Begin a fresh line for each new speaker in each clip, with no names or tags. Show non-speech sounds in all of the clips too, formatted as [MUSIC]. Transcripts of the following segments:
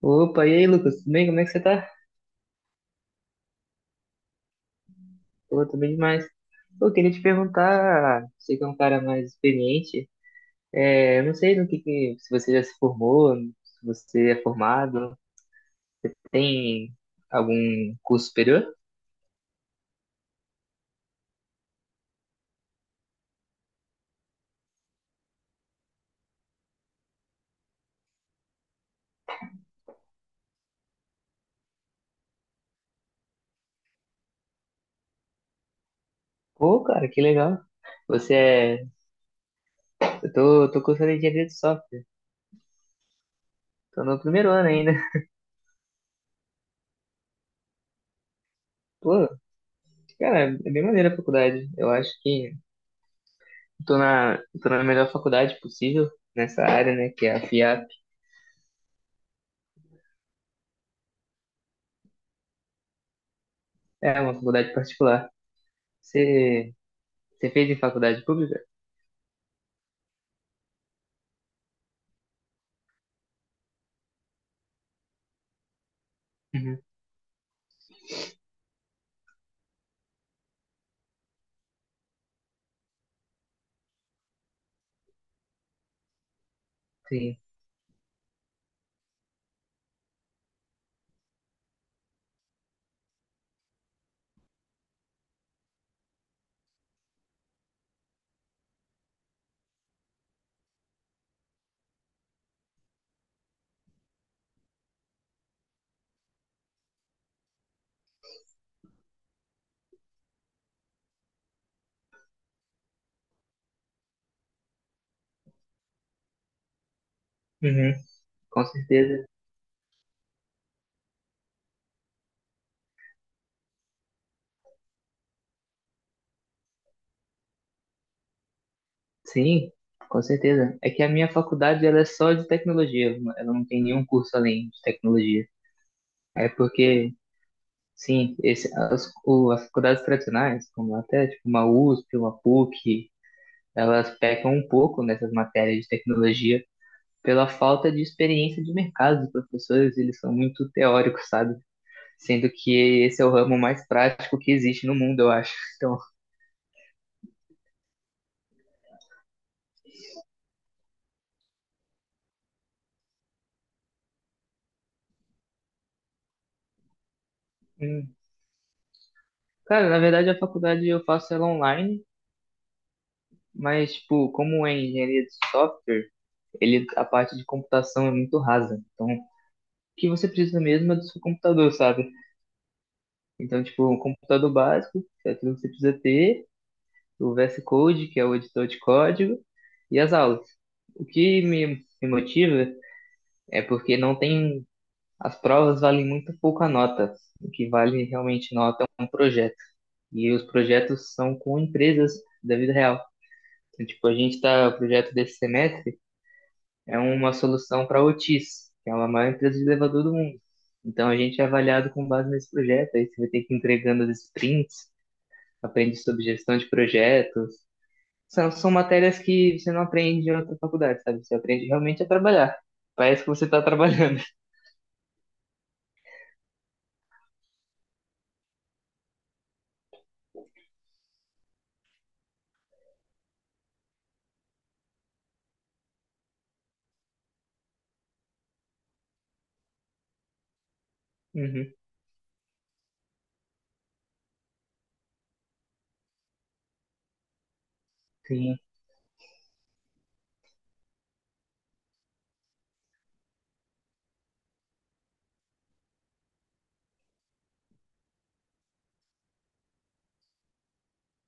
Opa, e aí, Lucas? Tudo bem? Como é que você tá? Pô, tô bem demais. Eu queria te perguntar, você que é um cara mais experiente, eu não sei se você já se formou, se você é formado, tem algum curso superior? Pô, cara, que legal. Você é... Eu tô cursando engenharia de software, tô no primeiro ano ainda. [LAUGHS] Pô, cara, é bem maneira a faculdade. Eu acho que tô na, tô na melhor faculdade possível nessa área, né, que é a FIAP. É uma faculdade particular. Você Você fez em faculdade pública? Uhum. Sim, uhum, com certeza. Sim, com certeza. É que a minha faculdade ela é só de tecnologia, ela não tem nenhum curso além de tecnologia. É porque, sim, as faculdades tradicionais, como até tipo, uma USP, uma PUC, elas pecam um pouco nessas matérias de tecnologia pela falta de experiência de mercado dos professores, eles são muito teóricos, sabe? Sendo que esse é o ramo mais prático que existe no mundo, eu acho. [LAUGHS] Então, cara, na verdade a faculdade eu faço ela online, mas tipo, como é engenharia de software, a parte de computação é muito rasa. Então, o que você precisa mesmo é do seu computador, sabe? Então, tipo, um computador básico, que é tudo que você precisa ter, o VS Code, que é o editor de código, e as aulas. O que me motiva é porque não tem, as provas valem muito pouco a nota. O que vale realmente nota é um projeto. E os projetos são com empresas da vida real. Então, tipo, o projeto desse semestre é uma solução para a Otis, que é uma maior empresa de elevador do mundo. Então, a gente é avaliado com base nesse projeto, aí você vai ter que ir entregando as sprints, aprende sobre gestão de projetos. São matérias que você não aprende em outra faculdade, sabe? Você aprende realmente a trabalhar. Parece que você tá trabalhando. [LAUGHS] Uhum. Sim.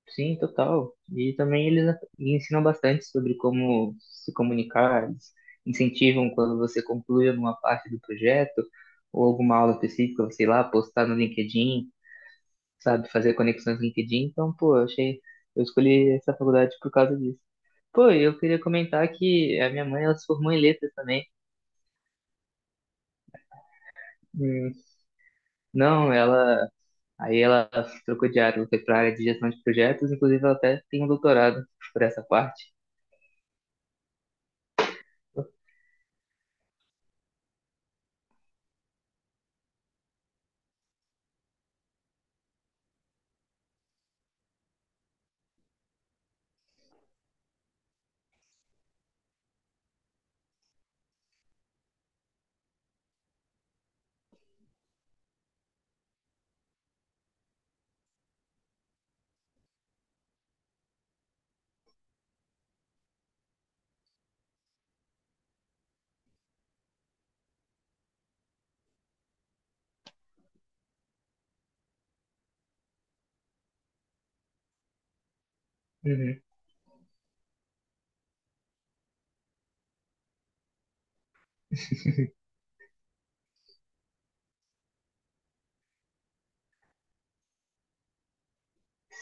Sim, total. E também eles ensinam bastante sobre como se comunicar, eles incentivam quando você conclui alguma parte do projeto ou alguma aula específica, sei lá, postar no LinkedIn, sabe, fazer conexões no LinkedIn. Então, pô, eu escolhi essa faculdade por causa disso. Pô, e eu queria comentar que a minha mãe, ela se formou em letras também. Hum, não, aí ela trocou de área, ela foi para a área de gestão de projetos, inclusive ela até tem um doutorado por essa parte.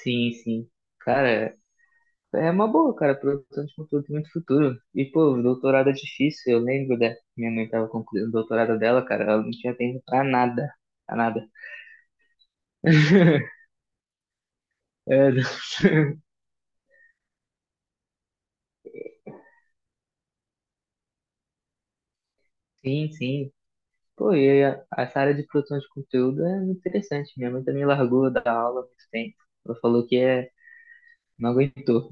Sim, sim. Cara, é uma boa, cara. Produção de conteúdo tem muito futuro. E, pô, doutorado é difícil. Eu lembro da minha mãe tava concluindo o doutorado dela, cara. Ela não tinha tempo pra nada. Pra nada. [LAUGHS] É, não. Sim, sim. Pô, e essa área de produção de conteúdo é muito interessante. Minha mãe também largou da aula há muito tempo. Ela falou que não aguentou.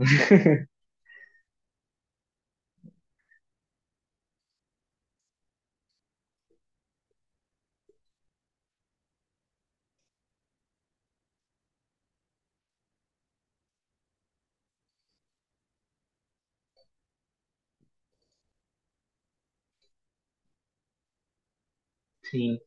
[LAUGHS] Sim,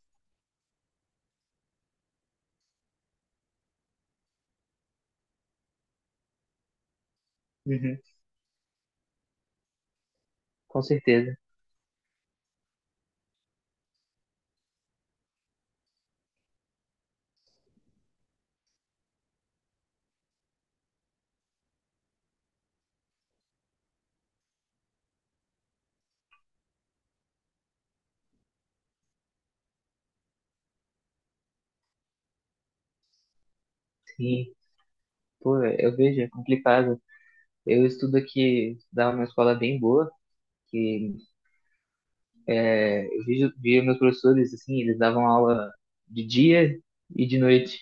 uhum, com certeza. Sim, pô, eu vejo, é complicado. Estudava numa escola bem boa, que Eu via meus professores, assim, eles davam aula de dia e de noite.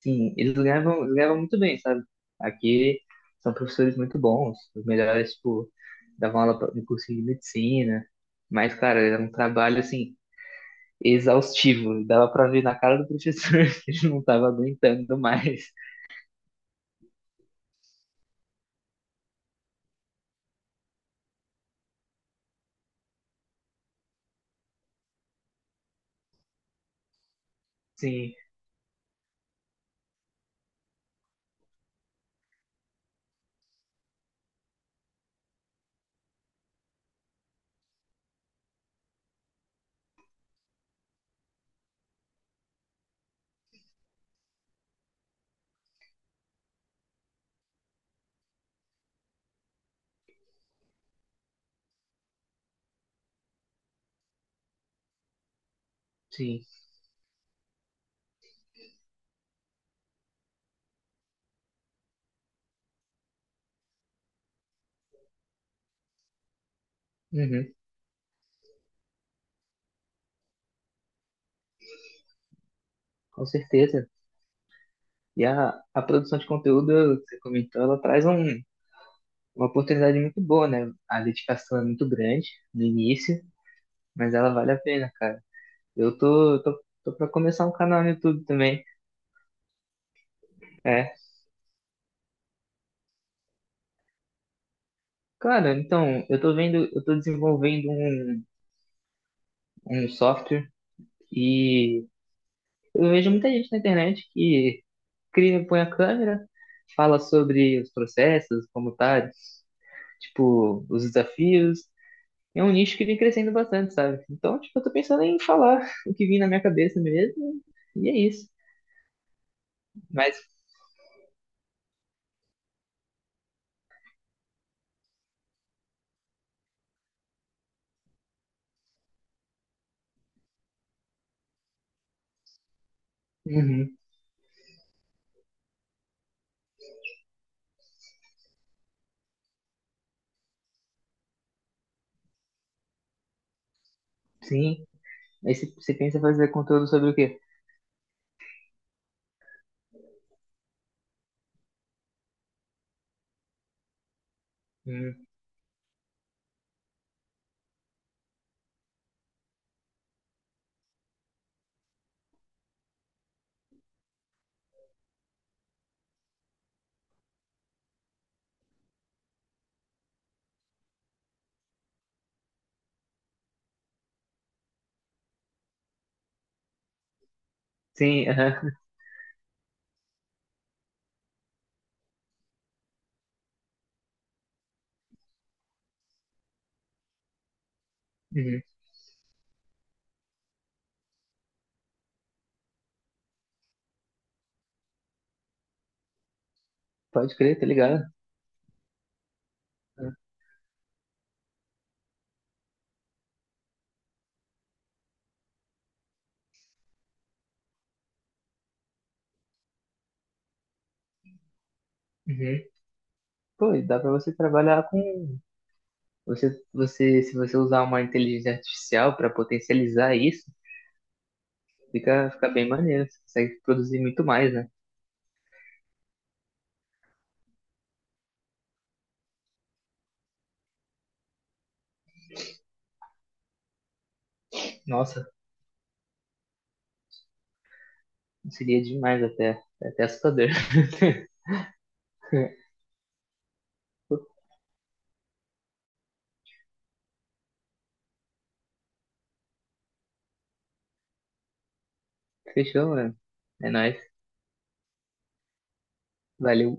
Sim, eles ganhavam muito bem, sabe? Aqui são professores muito bons, os melhores, tipo, davam aula no curso de medicina. Mas, cara, era um trabalho, assim, exaustivo. Dava pra ver na cara do professor [LAUGHS] que ele não tava aguentando mais. Sim, sim. Uhum, com certeza. E a produção de conteúdo, que você comentou, ela traz uma oportunidade muito boa, né? A dedicação é muito grande no início, mas ela vale a pena, cara. Eu tô pra começar um canal no YouTube também. É. Cara, então, eu tô desenvolvendo um software e eu vejo muita gente na internet que cria, põe a câmera, fala sobre os processos, como tá, tipo, os desafios. É um nicho que vem crescendo bastante, sabe? Então, tipo, eu tô pensando em falar o que vem na minha cabeça mesmo, e é isso. Mas Uhum, sim. Aí você pensa em fazer conteúdo sobre o quê? Hum, sim, aham. Uhum. Pode crer, tá ligado? Uhum. Pô, e dá pra você trabalhar com. Se você usar uma inteligência artificial pra potencializar isso, fica bem maneiro. Você consegue produzir muito mais, né? Nossa, seria demais até. É até assustador. [LAUGHS] Fechou, mano. É nóis. Valeu.